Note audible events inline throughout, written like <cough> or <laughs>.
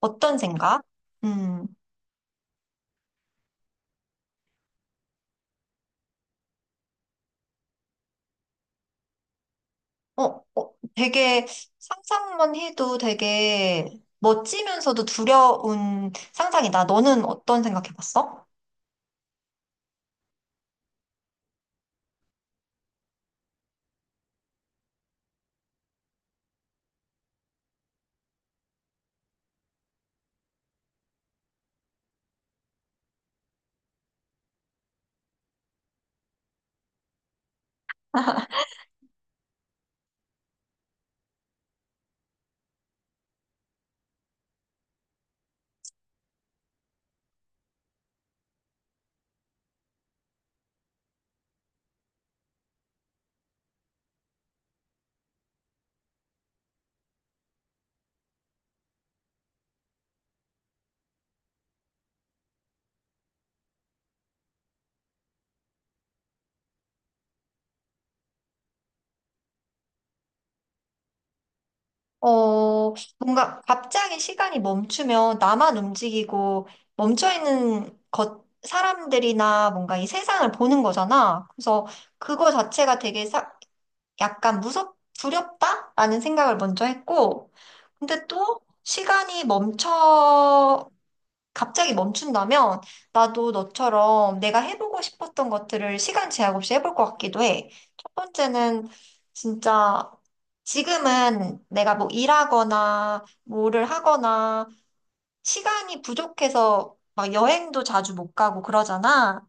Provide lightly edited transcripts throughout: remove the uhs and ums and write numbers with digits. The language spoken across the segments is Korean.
어떤 생각? 음. 어, 되게 상상만 해도 되게 멋지면서도 두려운 상상이다. 너는 어떤 생각 해봤어? 뭔가 갑자기 시간이 멈추면 나만 움직이고 멈춰있는 것, 사람들이나 뭔가 이 세상을 보는 거잖아. 그래서 그거 자체가 되게 약간 두렵다라는 생각을 먼저 했고, 근데 또 시간이 멈춰 갑자기 멈춘다면 나도 너처럼 내가 해보고 싶었던 것들을 시간 제약 없이 해볼 것 같기도 해. 첫 번째는 진짜 지금은 내가 뭐 일하거나 뭐를 하거나 시간이 부족해서 막 여행도 자주 못 가고 그러잖아.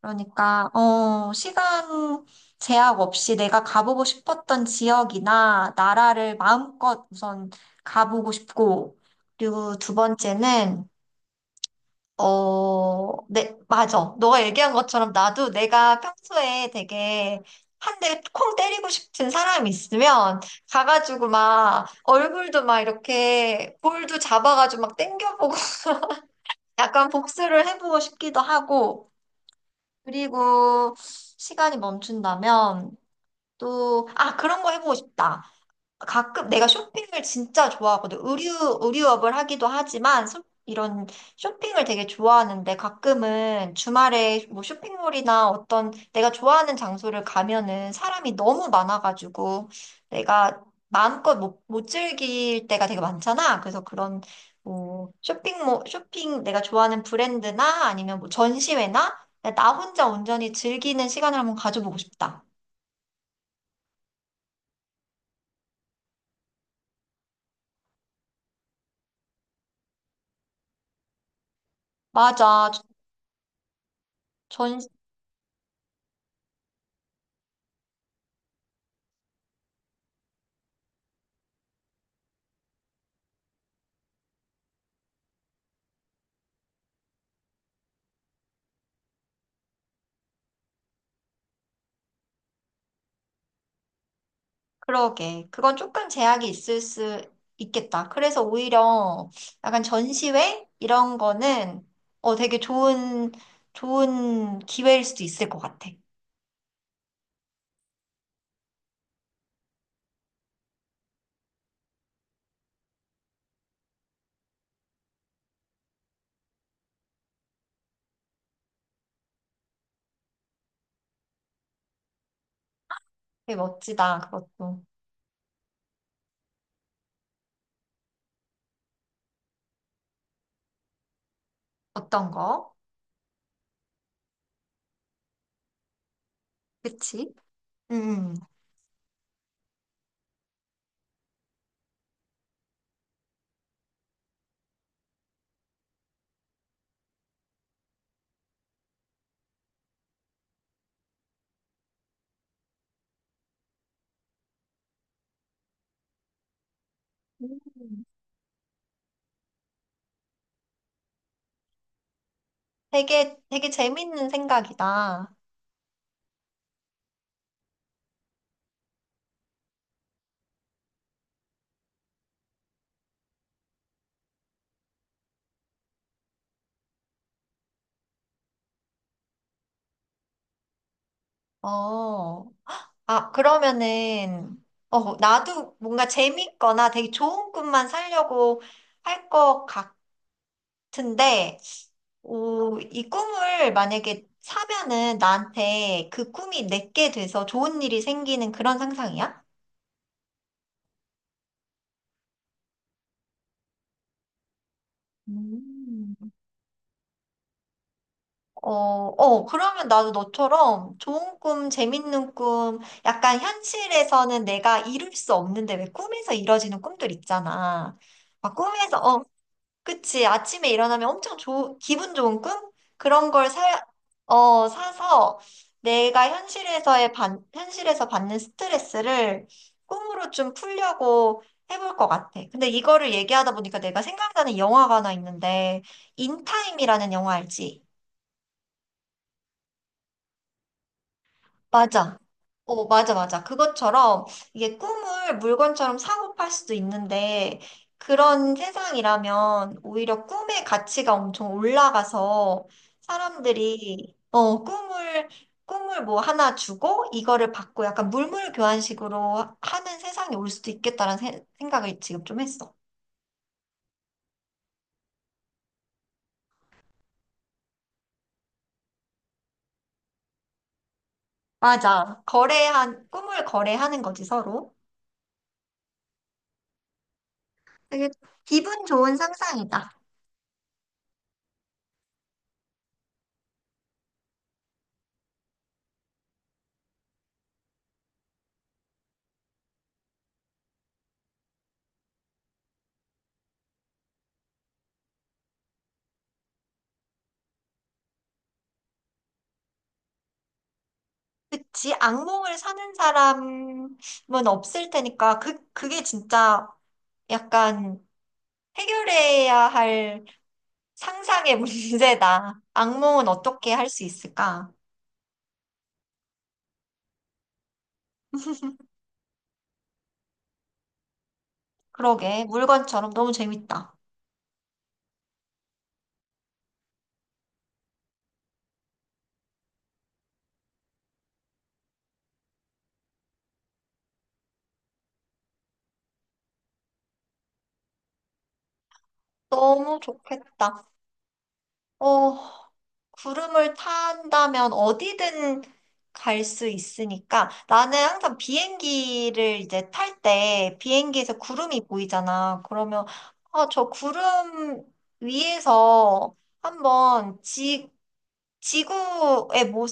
그러니까, 시간 제약 없이 내가 가보고 싶었던 지역이나 나라를 마음껏 우선 가보고 싶고, 그리고 두 번째는 네, 맞아. 너가 얘기한 것처럼 나도 내가 평소에 되게 한 대 콩 때리고 싶은 사람이 있으면 가가지고 막 얼굴도 막 이렇게 볼도 잡아가지고 막 땡겨보고 <laughs> 약간 복수를 해보고 싶기도 하고 그리고 시간이 멈춘다면 또, 아, 그런 거 해보고 싶다. 가끔 내가 쇼핑을 진짜 좋아하거든. 의류업을 하기도 하지만 이런 쇼핑을 되게 좋아하는데 가끔은 주말에 뭐 쇼핑몰이나 어떤 내가 좋아하는 장소를 가면은 사람이 너무 많아가지고 내가 마음껏 못 즐길 때가 되게 많잖아. 그래서 그런 뭐 쇼핑몰, 쇼핑 내가 좋아하는 브랜드나 아니면 뭐 전시회나 나 혼자 온전히 즐기는 시간을 한번 가져보고 싶다. 맞아. 그러게. 그건 조금 제약이 있을 수 있겠다. 그래서 오히려 약간 전시회? 이런 거는 되게 좋은 기회일 수도 있을 것 같아. 되게 멋지다, 그것도. 어떤 거? 그치? 음. 음. 되게, 되게 재밌는 생각이다. 어. 아, 그러면은, 나도 뭔가 재밌거나 되게 좋은 꿈만 살려고 할 것 같은데, 오, 이 꿈을 만약에 사면은 나한테 그 꿈이 내게 돼서 좋은 일이 생기는 그런 상상이야? 음. 어, 어, 그러면 나도 너처럼 좋은 꿈, 재밌는 꿈, 약간 현실에서는 내가 이룰 수 없는데 왜 꿈에서 이뤄지는 꿈들 있잖아. 막 꿈에서, 그치. 아침에 일어나면 엄청 좋 기분 좋은 꿈? 그런 걸 사서 내가 현실에서 받는 스트레스를 꿈으로 좀 풀려고 해볼 것 같아. 근데 이거를 얘기하다 보니까 내가 생각나는 영화가 하나 있는데, 인타임이라는 영화 알지? 맞아. 맞아, 맞아. 그것처럼 이게 꿈을 물건처럼 사고 팔 수도 있는데 그런 세상이라면 오히려 꿈의 가치가 엄청 올라가서 사람들이 꿈을 뭐 하나 주고 이거를 받고 약간 물물 교환식으로 하는 세상이 올 수도 있겠다라는 생각을 지금 좀 했어. 맞아. 거래한 꿈을 거래하는 거지 서로. 되게 기분 좋은 상상이다. 그치, 악몽을 사는 사람은 없을 테니까, 그게 진짜 약간 해결해야 할 상상의 <laughs> 문제다. 악몽은 어떻게 할 수 있을까? 그러게, 물건처럼 너무 재밌다. 너무 좋겠다. 어, 구름을 탄다면 어디든 갈 수 있으니까 나는 항상 비행기를 이제 탈 때 비행기에서 구름이 보이잖아. 그러면 아, 저 구름 위에서 한번 지구의 모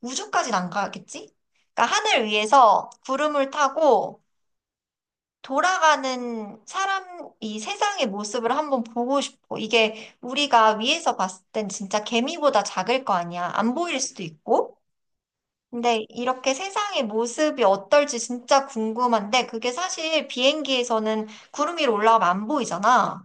우주까지는 안 가겠지? 그러니까 하늘 위에서 구름을 타고 돌아가는 사람, 이 세상의 모습을 한번 보고 싶어. 이게 우리가 위에서 봤을 땐 진짜 개미보다 작을 거 아니야. 안 보일 수도 있고. 근데 이렇게 세상의 모습이 어떨지 진짜 궁금한데, 그게 사실 비행기에서는 구름 위로 올라가면 안 보이잖아.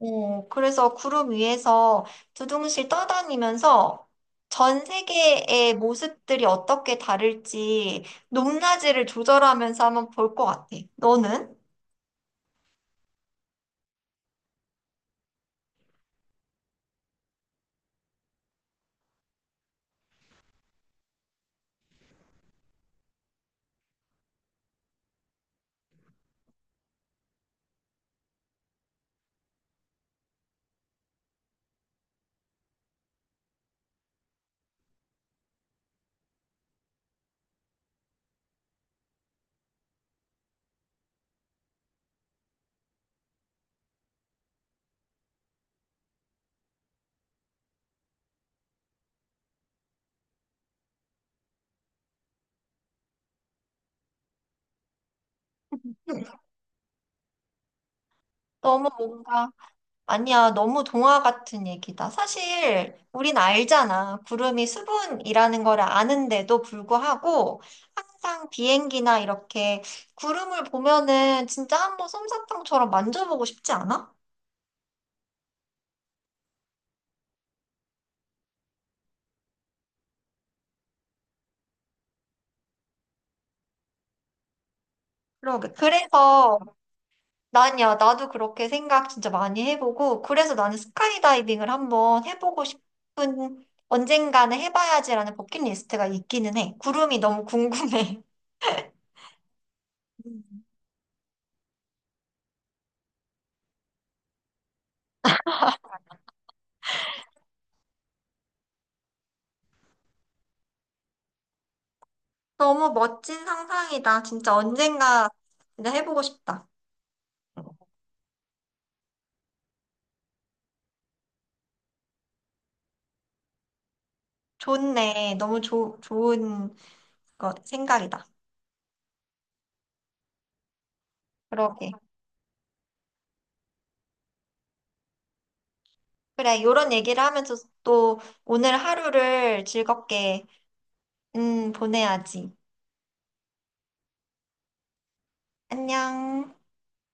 그래서 구름 위에서 두둥실 떠다니면서 전 세계의 모습들이 어떻게 다를지 높낮이를 조절하면서 한번 볼 것 같아. 너는? 너무 뭔가, 아니야, 너무 동화 같은 얘기다. 사실, 우린 알잖아. 구름이 수분이라는 걸 아는데도 불구하고, 항상 비행기나 이렇게 구름을 보면은 진짜 한번 솜사탕처럼 만져보고 싶지 않아? 그러게. 그래서, 나도 그렇게 생각 진짜 많이 해보고, 그래서 나는 스카이다이빙을 한번 해보고 싶은, 언젠가는 해봐야지라는 버킷리스트가 있기는 해. 구름이 너무 궁금해. <laughs> 너무 멋진 상상이다. 진짜 언젠가 진짜 해보고 싶다. 좋네. 너무 좋은 생각이다. 그러게. 그래, 이런 얘기를 하면서 또 오늘 하루를 즐겁게, 보내야지. 안녕.